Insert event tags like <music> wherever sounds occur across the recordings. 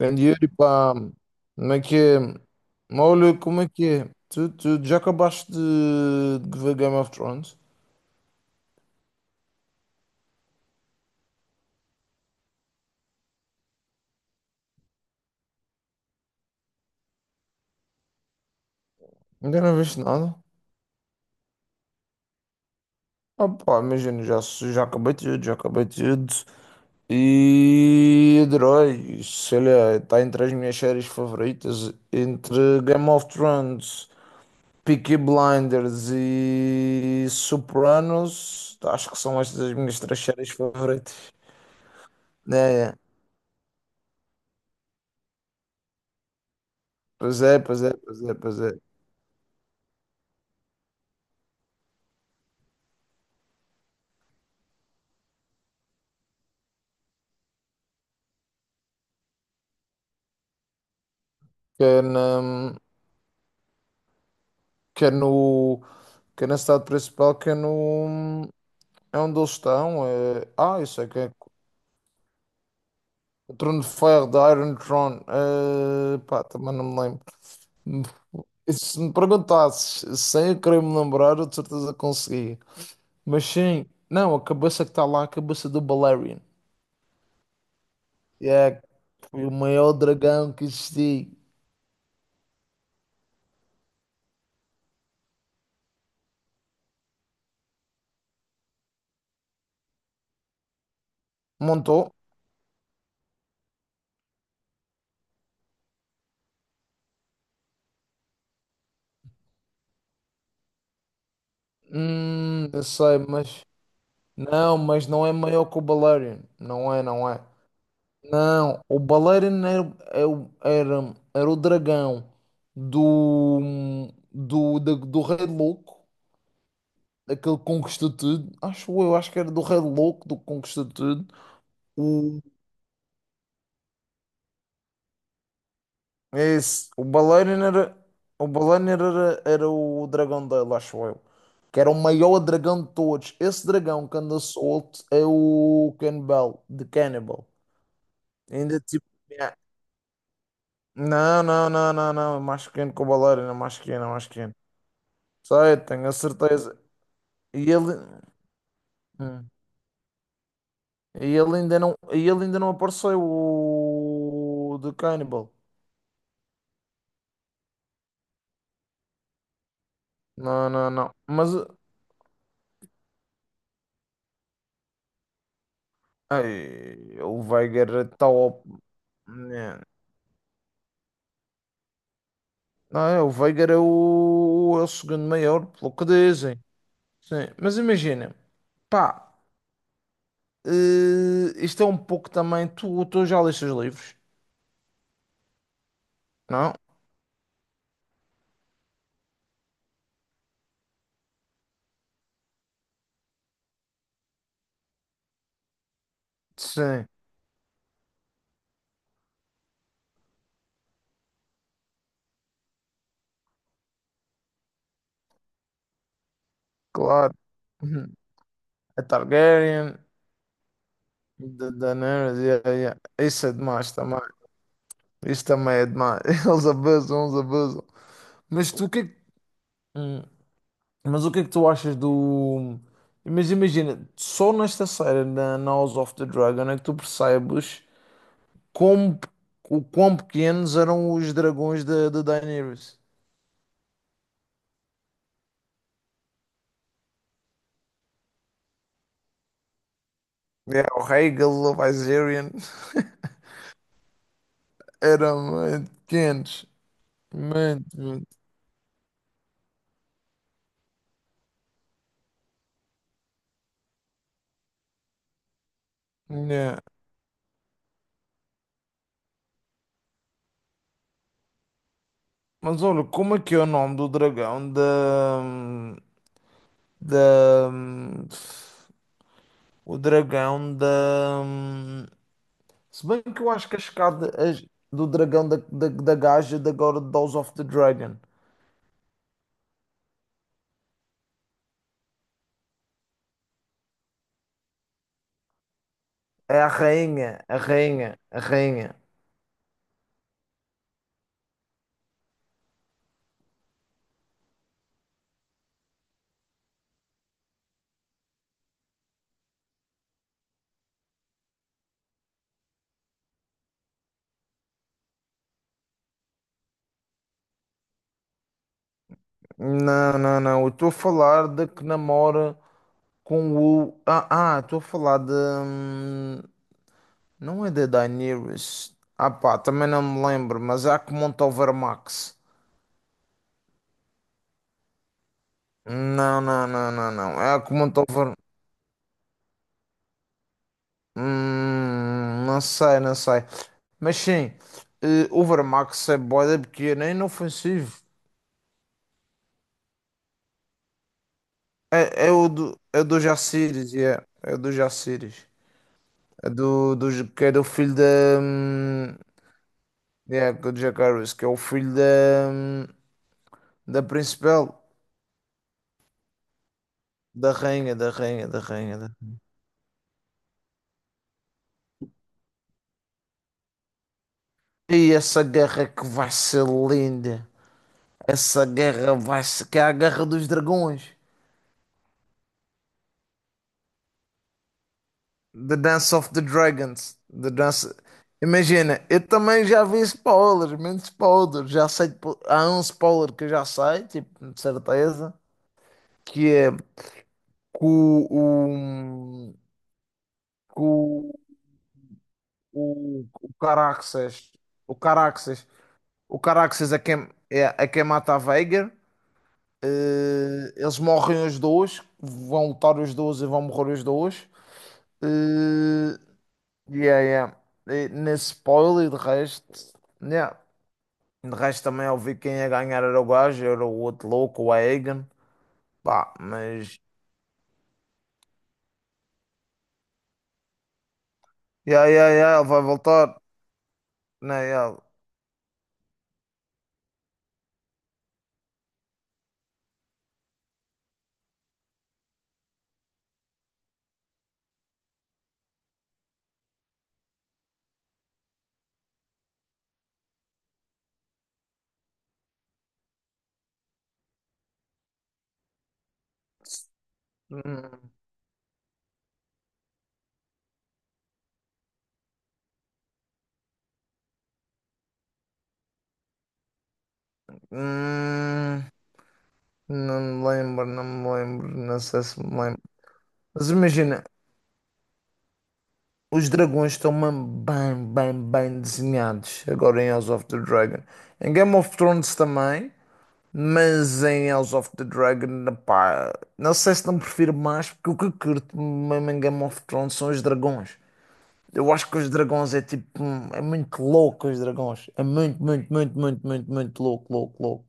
Ben diyorum pá, como é que é? Mas olha, como é que é? Tu já acabaste de ver Game of Thrones? Ainda não viste nada? Ah pá, imagina, já acabei tudo, já acabei tudo. E adorei, sei lá, está entre as minhas séries favoritas, entre Game of Thrones, Peaky Blinders e Sopranos, acho que são estas as minhas três séries favoritas. É, é. Pois é, pois é, pois é, pois é. quer na, quer no, Quer na cidade principal, quer no, é onde eles estão. Isso é que é o Trono de Ferro, da Iron Throne. Pá, também não me lembro. E se me perguntasses, sem eu querer me lembrar, eu de certeza conseguia. Mas sim, não, a cabeça que está lá é a cabeça do Balerion. É, foi o maior dragão que existiu. Montou? Eu sei, mas. Não, mas não é maior que o Balerion. Não é, não é. Não, o baleirão era, é, era, era o dragão do, do Rei Louco, aquele que conquistou tudo. Acho eu, acho que era do Rei Louco, do que conquistou tudo. O, É esse, o baleirão era, era o dragão dele, acho eu. Que era o maior dragão de todos. Esse dragão que anda solto é o Cannibal, de Cannibal. Ainda tipo. Yeah. Não, não, não, não, não. É mais pequeno que o baleirão, é mais pequeno, é mais pequeno. Sei, tenho a certeza. E ele, Hum. E ele ainda não, e ele ainda não apareceu, o The Cannibal. Não, não, não. Mas ai, o Veigar está ao... né. Não, é, o Veigar é o, é o segundo maior, pelo que dizem. Sim, mas imagina, pá, eh, isto é um pouco também. Tu já leste os livros? Não? Sim, claro. Uhum. A Targaryen. Daenerys, yeah, yeah. Isso é demais também. Isso também é demais. <laughs> Eles abusam, eles abusam. Mas tu o que é que... hum, Mas o que é que tu achas do... Mas imagina, só nesta série da House of the Dragon é que tu percebes como, o quão pequenos eram os dragões da Daenerys. É, o Rhaegal, o Viserion <laughs> eram muito pequenos. Muito, muito. Yeah. Mas olha, como é que é o nome do dragão da o dragão da hum, se bem que eu acho que do dragão da da gaja da God of Dolls of the Dragon, é a rainha, a rainha, a rainha. Não, não, não, eu estou a falar de que namora com o estou a falar de não é da Daenerys, ah pá, também não me lembro, mas é a que monta o Vermax. Não, não, não, não, não, é a que monta hum, não sei, não sei. Mas sim, eh, o Overmax é boeda pequena, é inofensivo. É, é o do Jaciris, yeah. É o do Jaciris. É do, que é do filho da. hum, Yeah, do Jack Harris, que é o filho da. hum, Da principal. Da rainha, da rainha, da rainha. Da- E essa guerra é que vai ser linda. Essa guerra vai ser. Que é a guerra dos dragões. The Dance of the Dragons. The Dance... Imagina, eu também já vi spoilers, menos spoilers. Já sei, tipo, há um spoiler que eu já sei, tipo, de certeza, que é que que o, o Caraxes, o Caraxes, o Caraxes é quem, é, é quem mata a Veigar. Eh, eles morrem os dois, vão lutar os dois e vão morrer os dois. Eh, yeah, yeah. E nesse spoiler, de resto, yeah. De resto também ouvi quem ia ganhar era o gajo, era o outro louco, o Egan. Pá, mas. Yeah, yeah, yeah, ele vai voltar. Não, yeah. Hum, hum, não me lembro, não me lembro, não sei se me lembro. Mas imagina, os dragões estão mesmo bem, bem, bem desenhados agora em House of the Dragon. Em Game of Thrones também. Mas em House of the Dragon, pá, não sei se não prefiro mais, porque o que eu curto mesmo em Game of Thrones são os dragões. Eu acho que os dragões é tipo, é muito louco os dragões. É muito, muito, muito, muito, muito, muito louco, louco, louco.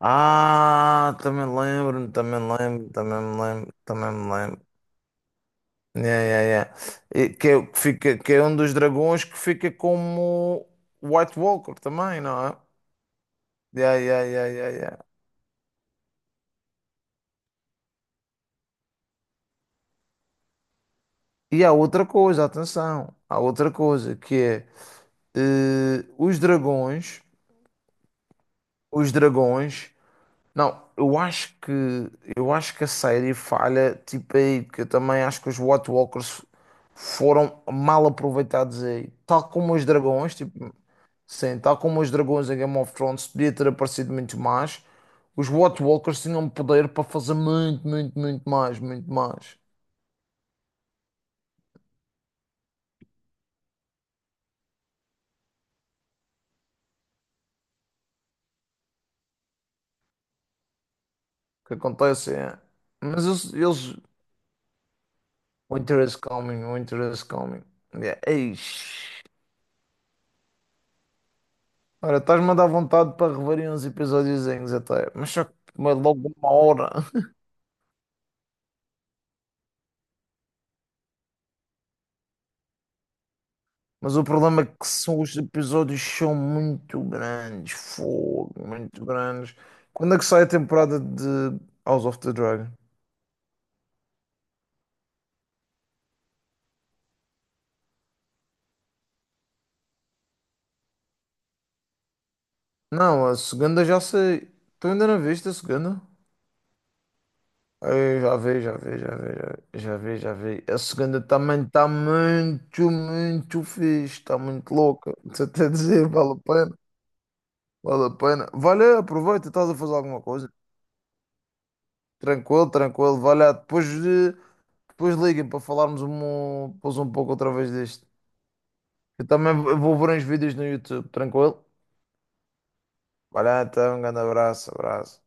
Ah, também lembro-me, também lembro, também me lembro, também me lembro. Yeah, yeah, yeah. E que, é, o que fica, que é um dos dragões que fica como White Walker também, não é? Yeah, yeah, yeah, yeah, yeah. E há outra coisa, atenção, há outra coisa que é eh, os dragões, os dragões. Não, eu acho que a série falha tipo aí, porque eu também acho que os White Walkers foram mal aproveitados aí, tal como os dragões, tipo, sim, tal como os dragões em Game of Thrones podia ter aparecido muito mais. Os White Walkers tinham poder para fazer muito, muito, muito mais, muito mais. O que acontece é, mas eles winter is coming, winter is coming. Yeah. Eish. Ora, estás-me a dar vontade para reverem uns episódiozinhos até. Mas só que é logo uma hora. <laughs> Mas o problema é que são, os episódios são muito grandes. Fogo, muito grandes. Quando é que sai a temporada de House of the Dragon? Não, a segunda já sei. Tu ainda não viste a segunda? Eu já vi, já vi, já vi, já vi, já vi, já vi. A segunda também está muito, muito fixe, está muito louca. Estou até a <laughs> dizer, vale a pena, vale a pena. Vale, aproveita, estás a fazer alguma coisa. Tranquilo, tranquilo, vai lá. Depois, depois liguem para falarmos um, depois um pouco outra vez disto. Eu também vou ver uns vídeos no YouTube, tranquilo? Vai lá, então, um grande abraço, abraço.